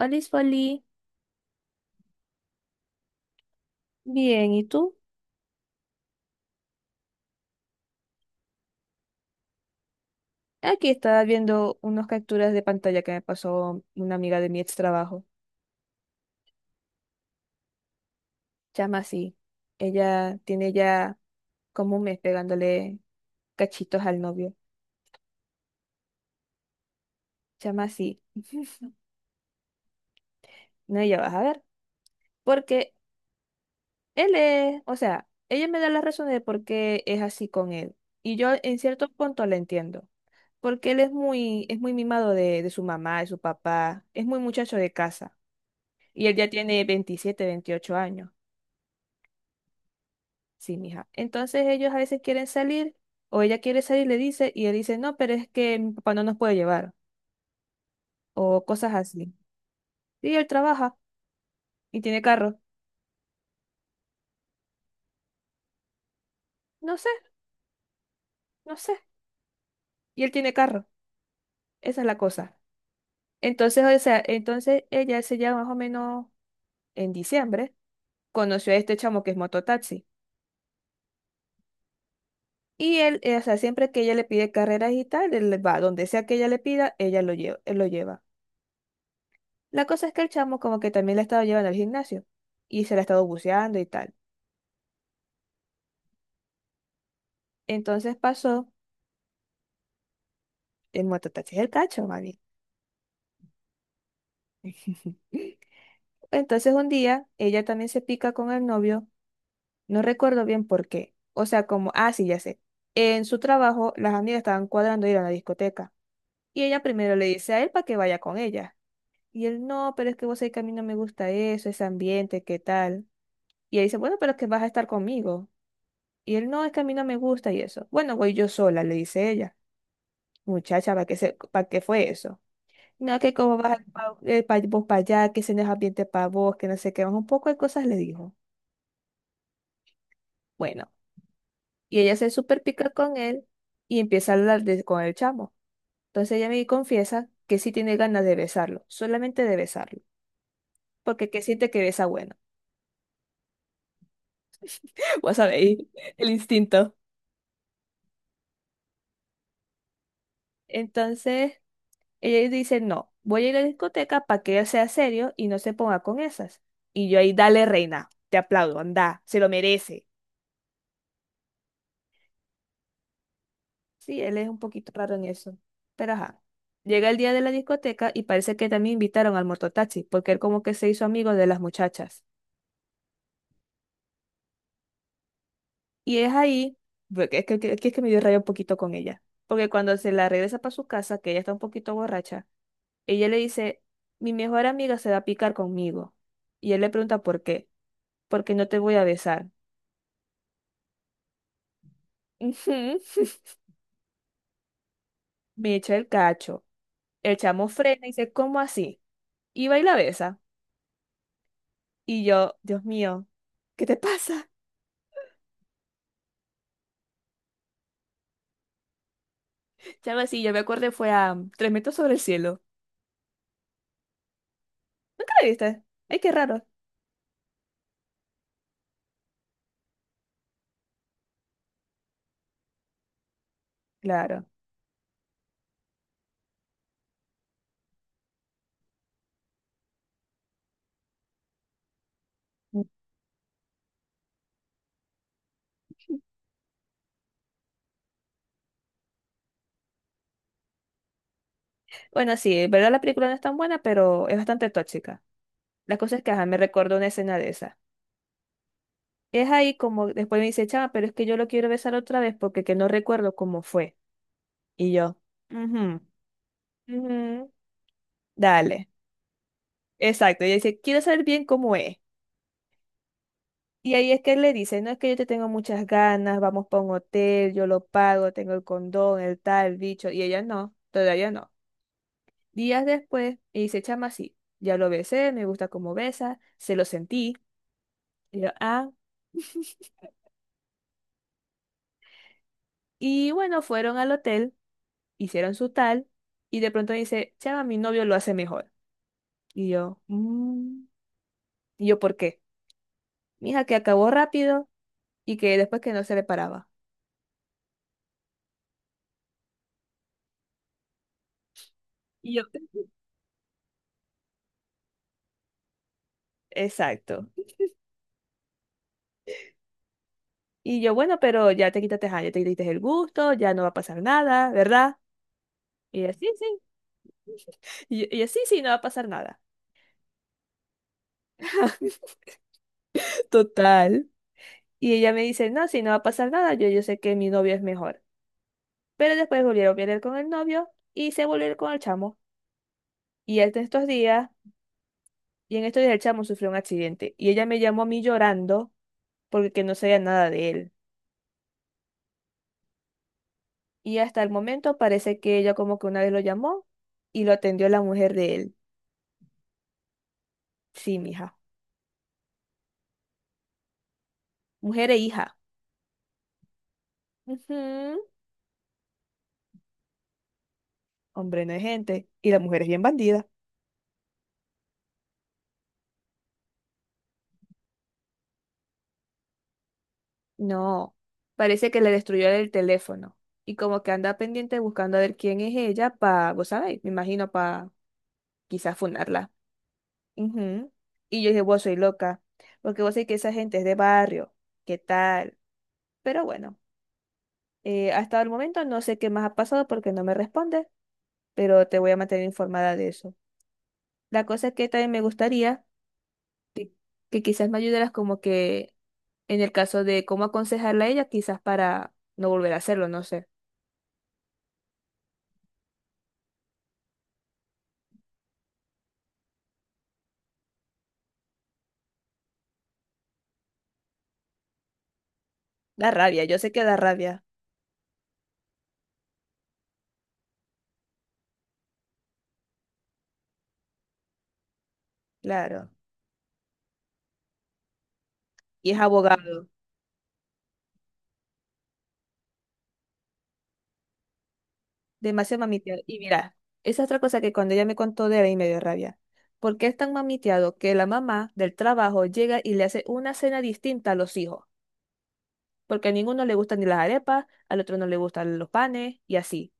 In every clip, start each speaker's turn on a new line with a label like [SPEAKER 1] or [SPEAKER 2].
[SPEAKER 1] Olis Foli, bien, ¿y tú? Aquí estaba viendo unas capturas de pantalla que me pasó una amiga de mi ex trabajo. Llama así. Ella tiene ya como un mes pegándole cachitos al novio. Llama así. No, ya vas a ver. Porque o sea, ella me da las razones de por qué es así con él. Y yo en cierto punto la entiendo. Porque él es muy mimado de su mamá, de su papá. Es muy muchacho de casa. Y él ya tiene 27, 28 años. Sí, mija. Entonces ellos a veces quieren salir o ella quiere salir, le dice, y él dice, no, pero es que mi papá no nos puede llevar o cosas así. Y él trabaja y tiene carro. No sé, no sé. Y él tiene carro. Esa es la cosa. Entonces, o sea, entonces ella se llama más o menos en diciembre, conoció a este chamo que es mototaxi. Y él, o sea, siempre que ella le pide carreras y tal, él va, donde sea que ella le pida, ella lo lleva, él lo lleva. La cosa es que el chamo como que también la ha estado llevando al gimnasio y se la ha estado buceando y tal. Entonces pasó, el mototaxi es el cacho, mami. Entonces un día ella también se pica con el novio, no recuerdo bien por qué. O sea, como, ah, sí, ya sé. En su trabajo, las amigas estaban cuadrando ir a la discoteca. Y ella primero le dice a él para que vaya con ella. Y él, no, pero es que vos sabés que a mí no me gusta eso, ese ambiente, ¿qué tal? Y ella dice, bueno, pero es que vas a estar conmigo. Y él, no, es que a mí no me gusta y eso. Bueno, voy yo sola, le dice ella. Muchacha, para qué fue eso? No, que como vas pa vos para allá, que se nos ambiente para vos, que no sé qué, más un poco de cosas le dijo. Bueno, y ella se super pica con él y empieza a hablar con el chamo. Entonces ella me confiesa que sí tiene ganas de besarlo, solamente de besarlo, porque que siente que besa bueno. Vos sabéis, el instinto. Entonces ella dice, no, voy a ir a la discoteca para que él sea serio y no se ponga con esas. Y yo ahí, dale reina, te aplaudo, anda, se lo merece. Sí, él es un poquito raro en eso. Pero ajá. Llega el día de la discoteca y parece que también invitaron al mototaxi, porque él como que se hizo amigo de las muchachas. Y es ahí, porque es que me dio rabia un poquito con ella. Porque cuando se la regresa para su casa, que ella está un poquito borracha, ella le dice, mi mejor amiga se va a picar conmigo. Y él le pregunta por qué, porque no te voy a besar. Ujú. Me echa el cacho. El chamo frena y dice, ¿cómo así? Y va y la besa. Y yo, Dios mío, ¿qué te pasa? Sí, algo así, yo me acuerdo fue a Tres metros sobre el cielo. ¿Nunca la viste? Ay, qué raro. Claro. Bueno, sí, en verdad la película no es tan buena, pero es bastante tóxica. La cosa es que ajá, me recuerdo una escena de esa. Es ahí como después me dice, chama, pero es que yo lo quiero besar otra vez porque que no recuerdo cómo fue. Y yo, mhm, mhm, dale. Exacto. Y dice, quiero saber bien cómo es. Y ahí es que él le dice, no es que yo te tengo muchas ganas, vamos para un hotel, yo lo pago, tengo el condón, el tal, el bicho. Y ella no, todavía no. Días después, me dice, chama, sí, ya lo besé, me gusta cómo besa, se lo sentí. Y yo, ah, y bueno, fueron al hotel, hicieron su tal, y de pronto me dice, chama, mi novio lo hace mejor. Y yo, "Mm". Y yo, ¿por qué? Mija, que acabó rápido y que después que no se le paraba. Y yo, exacto. Y yo, bueno, pero ya te quitaste, ajá, ya te quitaste el gusto, ya no va a pasar nada, ¿verdad? Y así, sí. Sí. Y así, sí, sí, no va a pasar nada. Total. Y ella me dice, no, si no va a pasar nada, yo sé que mi novio es mejor. Pero después volvieron a pelear con el novio y se volvieron con el chamo. Y en estos días, y en estos días el chamo sufrió un accidente. Y ella me llamó a mí llorando porque que no sabía nada de él. Y hasta el momento parece que ella como que una vez lo llamó y lo atendió la mujer de él. Sí, mija. Mujer e hija. Ujú. Hombre, no es gente. Y la mujer es bien bandida. No, parece que le destruyó el teléfono y como que anda pendiente buscando a ver quién es ella para, vos sabéis, me imagino para quizás funarla. Ujú. Y yo dije, vos soy loca, porque vos sabés que esa gente es de barrio, ¿qué tal? Pero bueno, hasta el momento no sé qué más ha pasado porque no me responde, pero te voy a mantener informada de eso. La cosa es que también me gustaría que, que quizás me ayudaras como que en el caso de cómo aconsejarla a ella, quizás para no volver a hacerlo, no sé. Da rabia, yo sé que da rabia, claro. Y es abogado, demasiado mamiteado. Y mira, esa es otra cosa que cuando ella me contó de él y me dio rabia. Porque es tan mamiteado que la mamá del trabajo llega y le hace una cena distinta a los hijos. Porque a ninguno le gustan ni las arepas, al otro no le gustan los panes y así.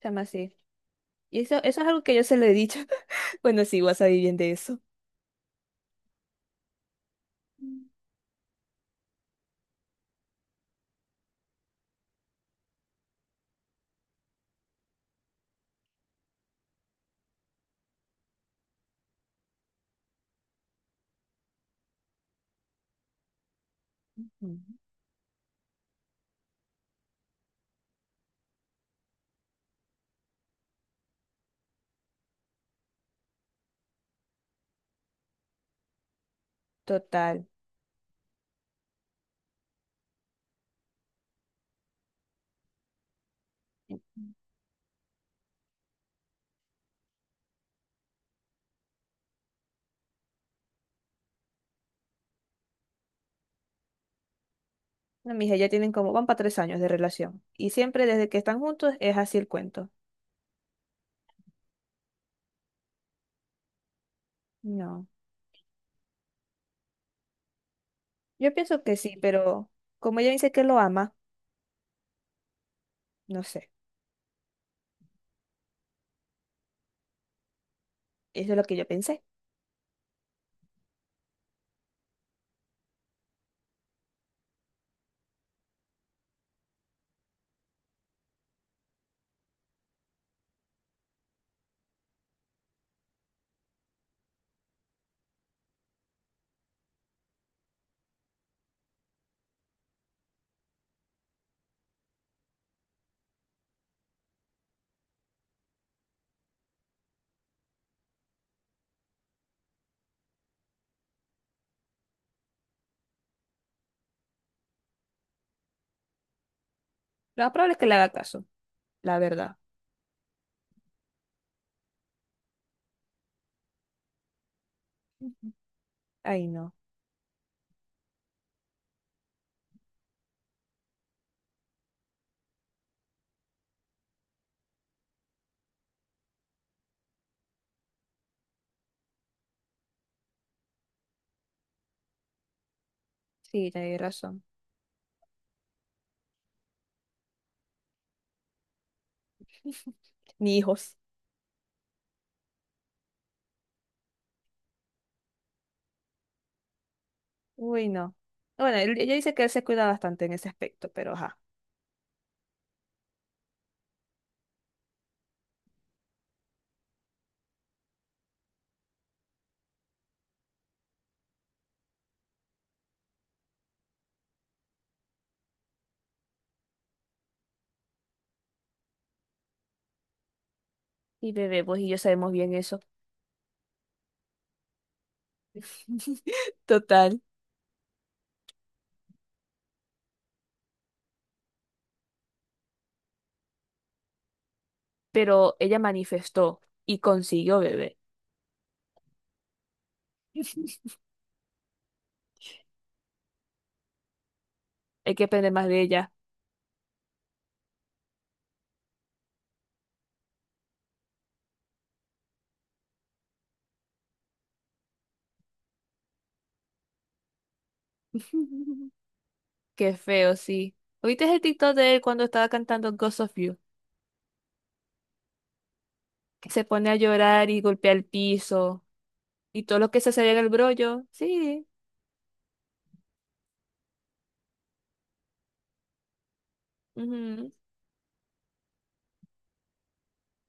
[SPEAKER 1] Se llama así. Y eso es algo que yo se lo he dicho. Bueno, sí, vas a vivir bien de eso. Ujú. Total. No, mija, ya tienen como, van para 3 años de relación. Y siempre desde que están juntos es así el cuento. No. Yo pienso que sí, pero como ella dice que lo ama, no sé. Eso es lo que yo pensé. Lo más probable es que le haga caso, la verdad. Ujú. Ay, no. Sí, tenés razón. Ni hijos. Uy, no. Bueno, ella dice que él se cuida bastante en ese aspecto, pero ajá. Y bebé, pues y yo sabemos bien eso. Total. Pero ella manifestó y consiguió bebé. Hay que aprender más de ella. Qué feo, sí. ¿Oíste el TikTok de él cuando estaba cantando Ghost of You? Que se pone a llorar y golpea el piso. Y todos los que se sabían el brollo. Sí. Ujú.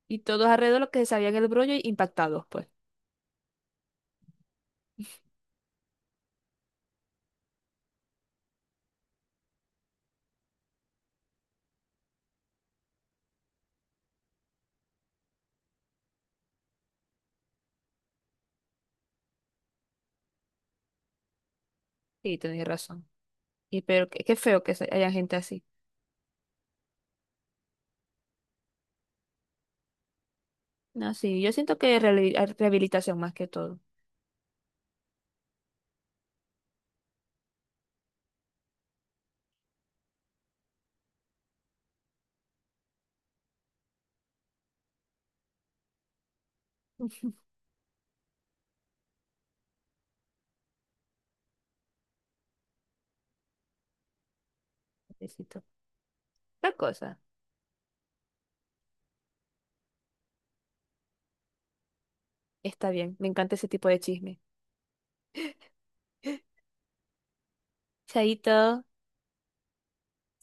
[SPEAKER 1] Y todos alrededor los que se sabían el brollo impactados, pues. Sí, tenéis razón. Y pero qué feo que haya gente así. No, sí, yo siento que es rehabilitación más que todo. Uf, necesito. Otra cosa. Está bien, me encanta ese tipo de chisme. Chaito.